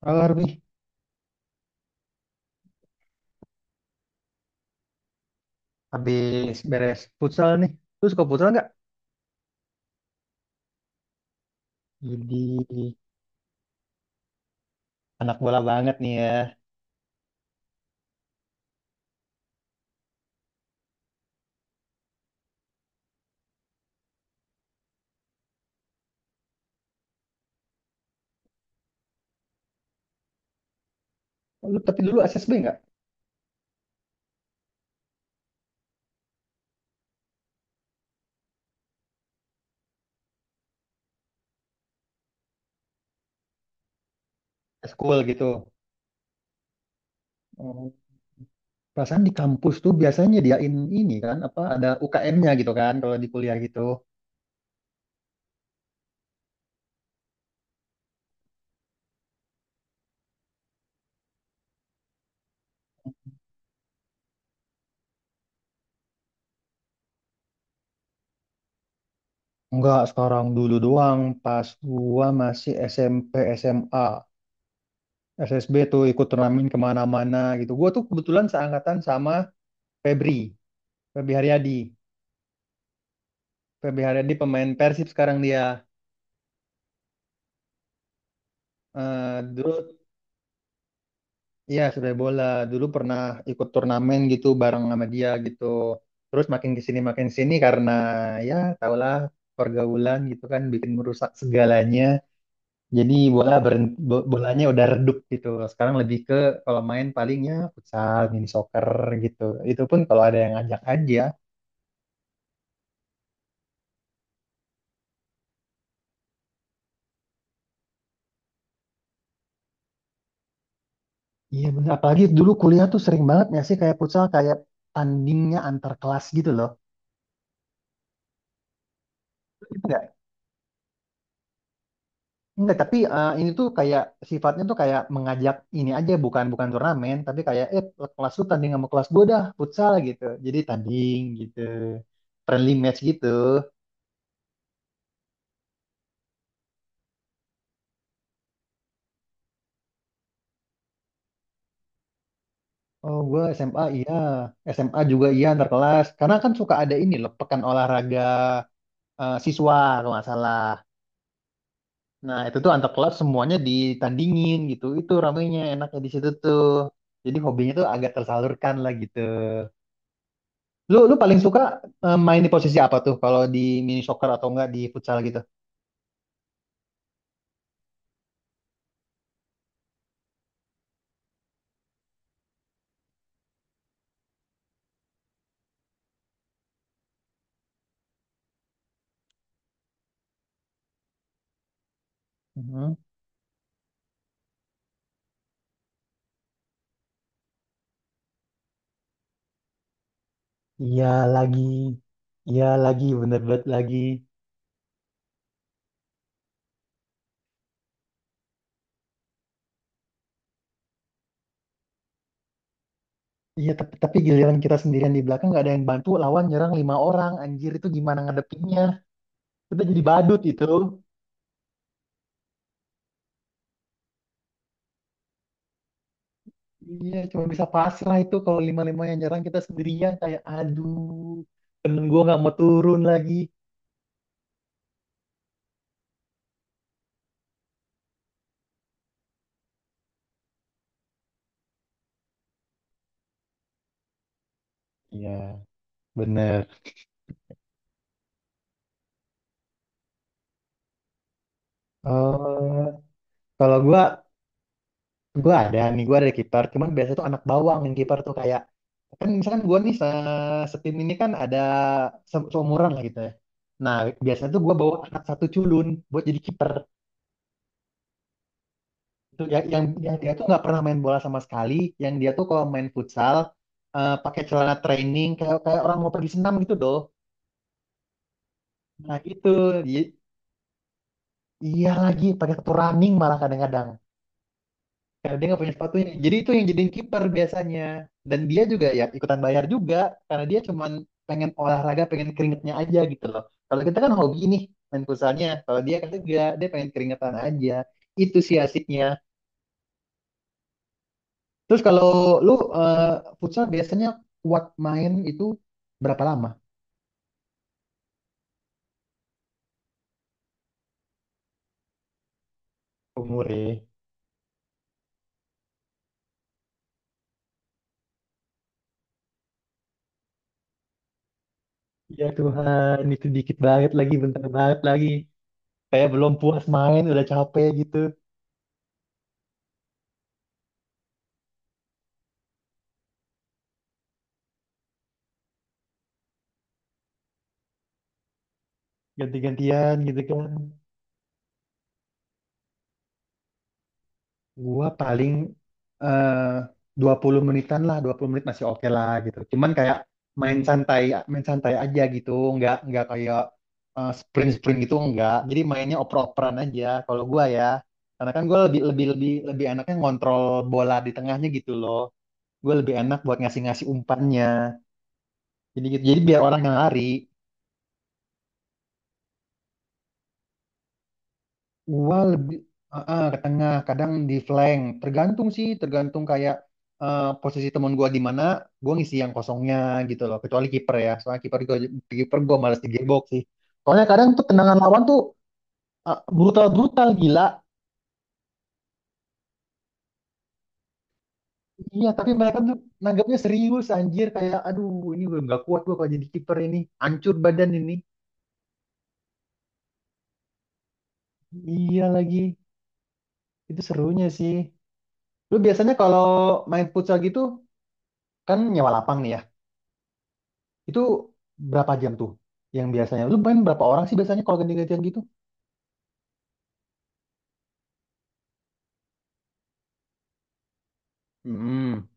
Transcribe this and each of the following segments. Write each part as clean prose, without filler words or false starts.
Halo Harvey, habis beres futsal nih. Lu suka futsal nggak? Jadi anak bola banget nih ya. Lu tapi dulu SSB nggak? School gitu. Oh, perasaan di kampus tuh biasanya nyediain ini kan, apa ada UKM-nya gitu kan kalau di kuliah gitu. Enggak, sekarang dulu doang pas gua masih SMP SMA. SSB tuh ikut turnamen kemana-mana gitu. Gua tuh kebetulan seangkatan sama Febri, Febri Haryadi. Febri Haryadi pemain Persib sekarang dia. Dulu iya, sepak bola. Dulu pernah ikut turnamen gitu bareng sama dia gitu. Terus makin ke sini makin sini karena ya tahulah, pergaulan gitu kan bikin merusak segalanya. Jadi bola berhenti, bolanya udah redup gitu. Sekarang lebih ke kalau main palingnya futsal, mini soccer gitu. Itu pun kalau ada yang ngajak aja. Iya bener. Apalagi dulu kuliah tuh sering banget ya sih kayak futsal kayak tandingnya antar kelas gitu loh. Itu enggak, tapi ini tuh kayak sifatnya tuh kayak mengajak ini aja, bukan bukan turnamen, tapi kayak kelas lu tanding sama kelas gue dah futsal gitu. Jadi tanding gitu. Friendly match gitu. Oh, gue SMA iya, SMA juga iya antar kelas. Karena kan suka ada ini loh pekan olahraga siswa kalau nggak salah. Nah, itu tuh antar kelas semuanya ditandingin gitu. Itu ramenya enaknya di situ tuh. Jadi hobinya tuh agak tersalurkan lah gitu. Lu lu paling suka main di posisi apa tuh kalau di mini soccer atau enggak di futsal gitu? Mhm. Iya lagi, iya lagi, bener banget lagi. Iya tapi giliran kita sendirian di belakang nggak ada yang bantu, lawan nyerang lima orang, anjir itu gimana ngadepinnya? Kita jadi badut itu. Iya, cuma bisa pasrah lah itu kalau lima-lima yang nyerang kita sendirian kayak aduh, temen gua nggak mau turun lagi. Iya, bener. Eh, kalau gua, gue ada nih, gue ada kiper. Cuman biasanya tuh anak bawang yang kiper tuh kayak, kan misalkan gue nih setim ini kan ada seumuran lah gitu ya. Nah biasanya tuh gue bawa anak satu culun buat jadi kiper. Itu yang dia tuh nggak pernah main bola sama sekali. Yang dia tuh kalau main futsal pakai celana training kayak kayak orang mau pergi senam gitu doh. Nah itu i- iya lagi pakai sepatu running malah kadang-kadang. Karena dia nggak punya sepatunya. Jadi itu yang jadiin kiper biasanya. Dan dia juga ya ikutan bayar juga karena dia cuman pengen olahraga, pengen keringetnya aja gitu loh. Kalau kita kan hobi nih main futsalnya. Kalau dia kan enggak, dia pengen keringetan aja. Itu sih asiknya. Terus kalau lu eh, futsal biasanya kuat main itu berapa lama umurnya? Ya Tuhan, itu dikit banget lagi, bentar banget lagi. Kayak belum puas main, udah capek gitu. Ganti-gantian gitu kan. Gua paling eh 20 menitan lah, 20 menit masih oke lah gitu. Cuman kayak main santai, main santai aja gitu, nggak kayak sprint-sprint gitu enggak. Jadi mainnya oper-operan aja kalau gua ya. Karena kan gua lebih lebih lebih lebih enaknya ngontrol bola di tengahnya gitu loh. Gue lebih enak buat ngasih-ngasih umpannya. Jadi gitu. Jadi biar orang yang lari. Gua lebih ke tengah, kadang di flank. Tergantung sih, tergantung kayak posisi temen gua di mana, gua ngisi yang kosongnya gitu loh. Kecuali kiper ya, soalnya kiper gua malas di gearbox sih. Soalnya kadang tuh tendangan lawan tuh brutal-brutal gila. Iya, tapi mereka tuh nanggapnya serius anjir kayak aduh, ini gue nggak kuat gua kalau jadi kiper ini, hancur badan ini. Iya lagi, itu serunya sih. Lu biasanya kalau main futsal gitu kan nyewa lapang nih ya. Itu berapa jam tuh yang biasanya? Lu main berapa orang sih biasanya kalau ganti-gantian gitu? Mm-mm.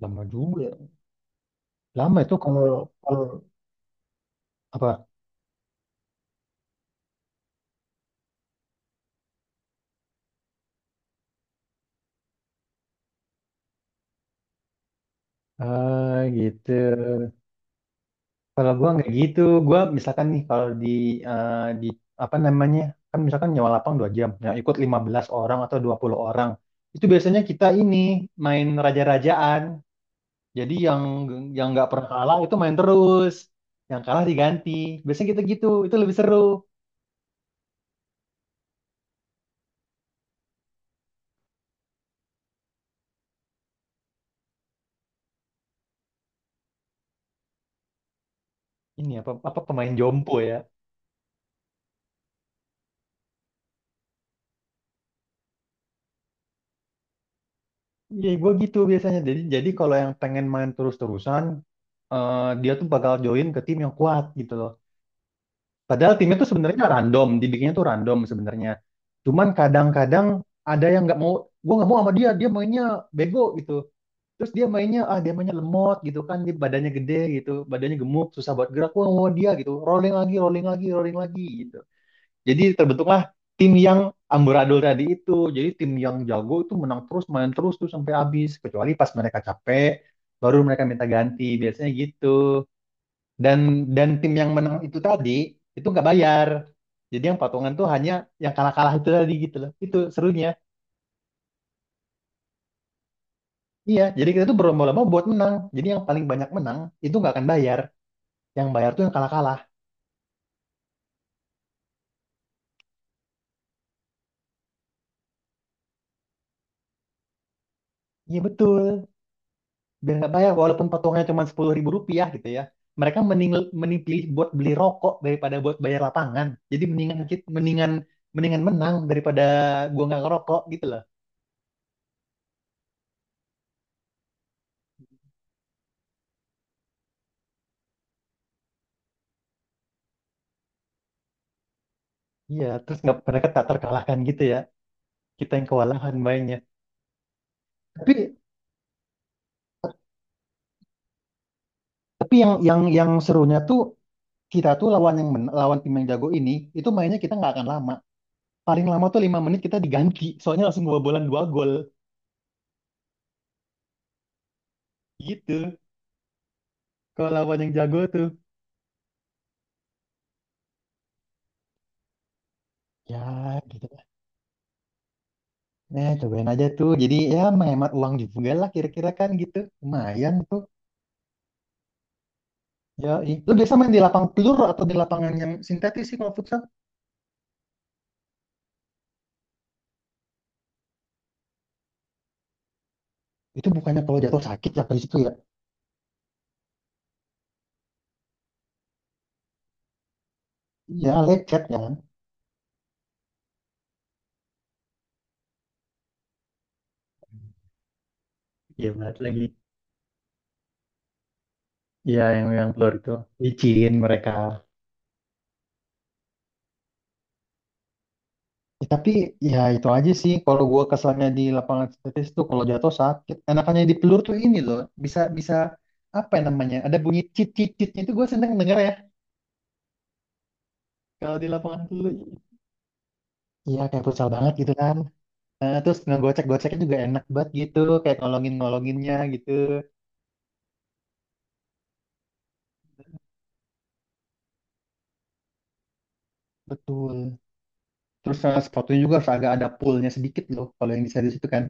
Lama juga. Lama itu kalau kalau apa? Ah, gitu. Kalau gua nggak gitu, gua misalkan nih kalau eh, di apa namanya? Kan misalkan nyewa lapang 2 jam. Nah, ikut 15 orang atau 20 orang. Itu biasanya kita ini main raja-rajaan. Jadi yang nggak pernah kalah itu main terus. Yang kalah diganti. Biasanya kita gitu. Itu lebih seru. Ini apa apa pemain jompo ya. Iya gue gitu biasanya, jadi kalau yang pengen main terus-terusan, dia tuh bakal join ke tim yang kuat gitu loh, padahal timnya tuh sebenarnya random, dibikinnya tuh random sebenarnya, cuman kadang-kadang ada yang nggak mau. Gue nggak mau sama dia, dia mainnya bego gitu, terus dia mainnya lemot gitu kan, dia badannya gede gitu, badannya gemuk, susah buat gerak, gue nggak mau dia gitu, rolling lagi, rolling lagi, rolling lagi gitu. Jadi terbentuklah tim yang amburadul tadi itu. Jadi tim yang jago itu menang terus, main terus tuh sampai habis. Kecuali pas mereka capek, baru mereka minta ganti. Biasanya gitu. Dan dan tim yang menang itu tadi itu nggak bayar. Jadi yang patungan tuh hanya yang kalah-kalah itu tadi gitu loh. Itu serunya. Iya, jadi kita tuh berlomba-lomba buat menang. Jadi yang paling banyak menang itu nggak akan bayar. Yang bayar tuh yang kalah-kalah. Iya betul. Biar nggak bayar walaupun potongnya cuma Rp10.000 gitu ya, mereka mending mending pilih buat beli rokok daripada buat bayar lapangan, jadi mendingan kit- mendingan mendingan menang daripada gua nggak ngerokok gitu loh. Iya, terus nggak, mereka tak terkalahkan gitu ya, kita yang kewalahan mainnya. Tapi tapi yang serunya tuh, kita tuh lawan yang lawan tim yang jago ini, itu mainnya kita nggak akan lama, paling lama tuh 5 menit kita diganti, soalnya langsung kebobolan dua gol gitu kalau lawan yang jago tuh ya gitu. Nah, cobain aja tuh. Jadi ya menghemat uang juga lah kira-kira kan gitu. Lumayan tuh. Ya, lu biasa main di lapang pelur atau di lapangan yang sintetis sih kalau futsal? Itu bukannya kalau jatuh sakit ya dari situ ya? Iya, lecet ya kan? Iya, benar lagi. Iya, yang pelur itu licin mereka. Ya, tapi ya itu aja sih kalau gua kesannya di lapangan sintetis tuh kalau jatuh sakit. Enakannya di pelur tuh ini loh, bisa bisa apa ya namanya? Ada bunyi cit cit citnya itu gua seneng denger ya kalau di lapangan pelur. Iya, kayak futsal banget gitu kan. Terus ngegocek-goceknya juga enak banget gitu, kayak ngolongin-ngolonginnya gitu. Betul. Terus sepatunya juga harus agak ada poolnya sedikit loh, kalau yang di series itu kan.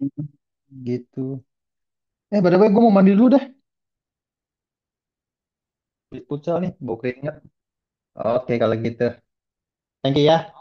Mhm. Gitu. By the way, gue mau mandi dulu dah. Habis futsal nih, bau keringat. Oke, kalau gitu. Thank you ya.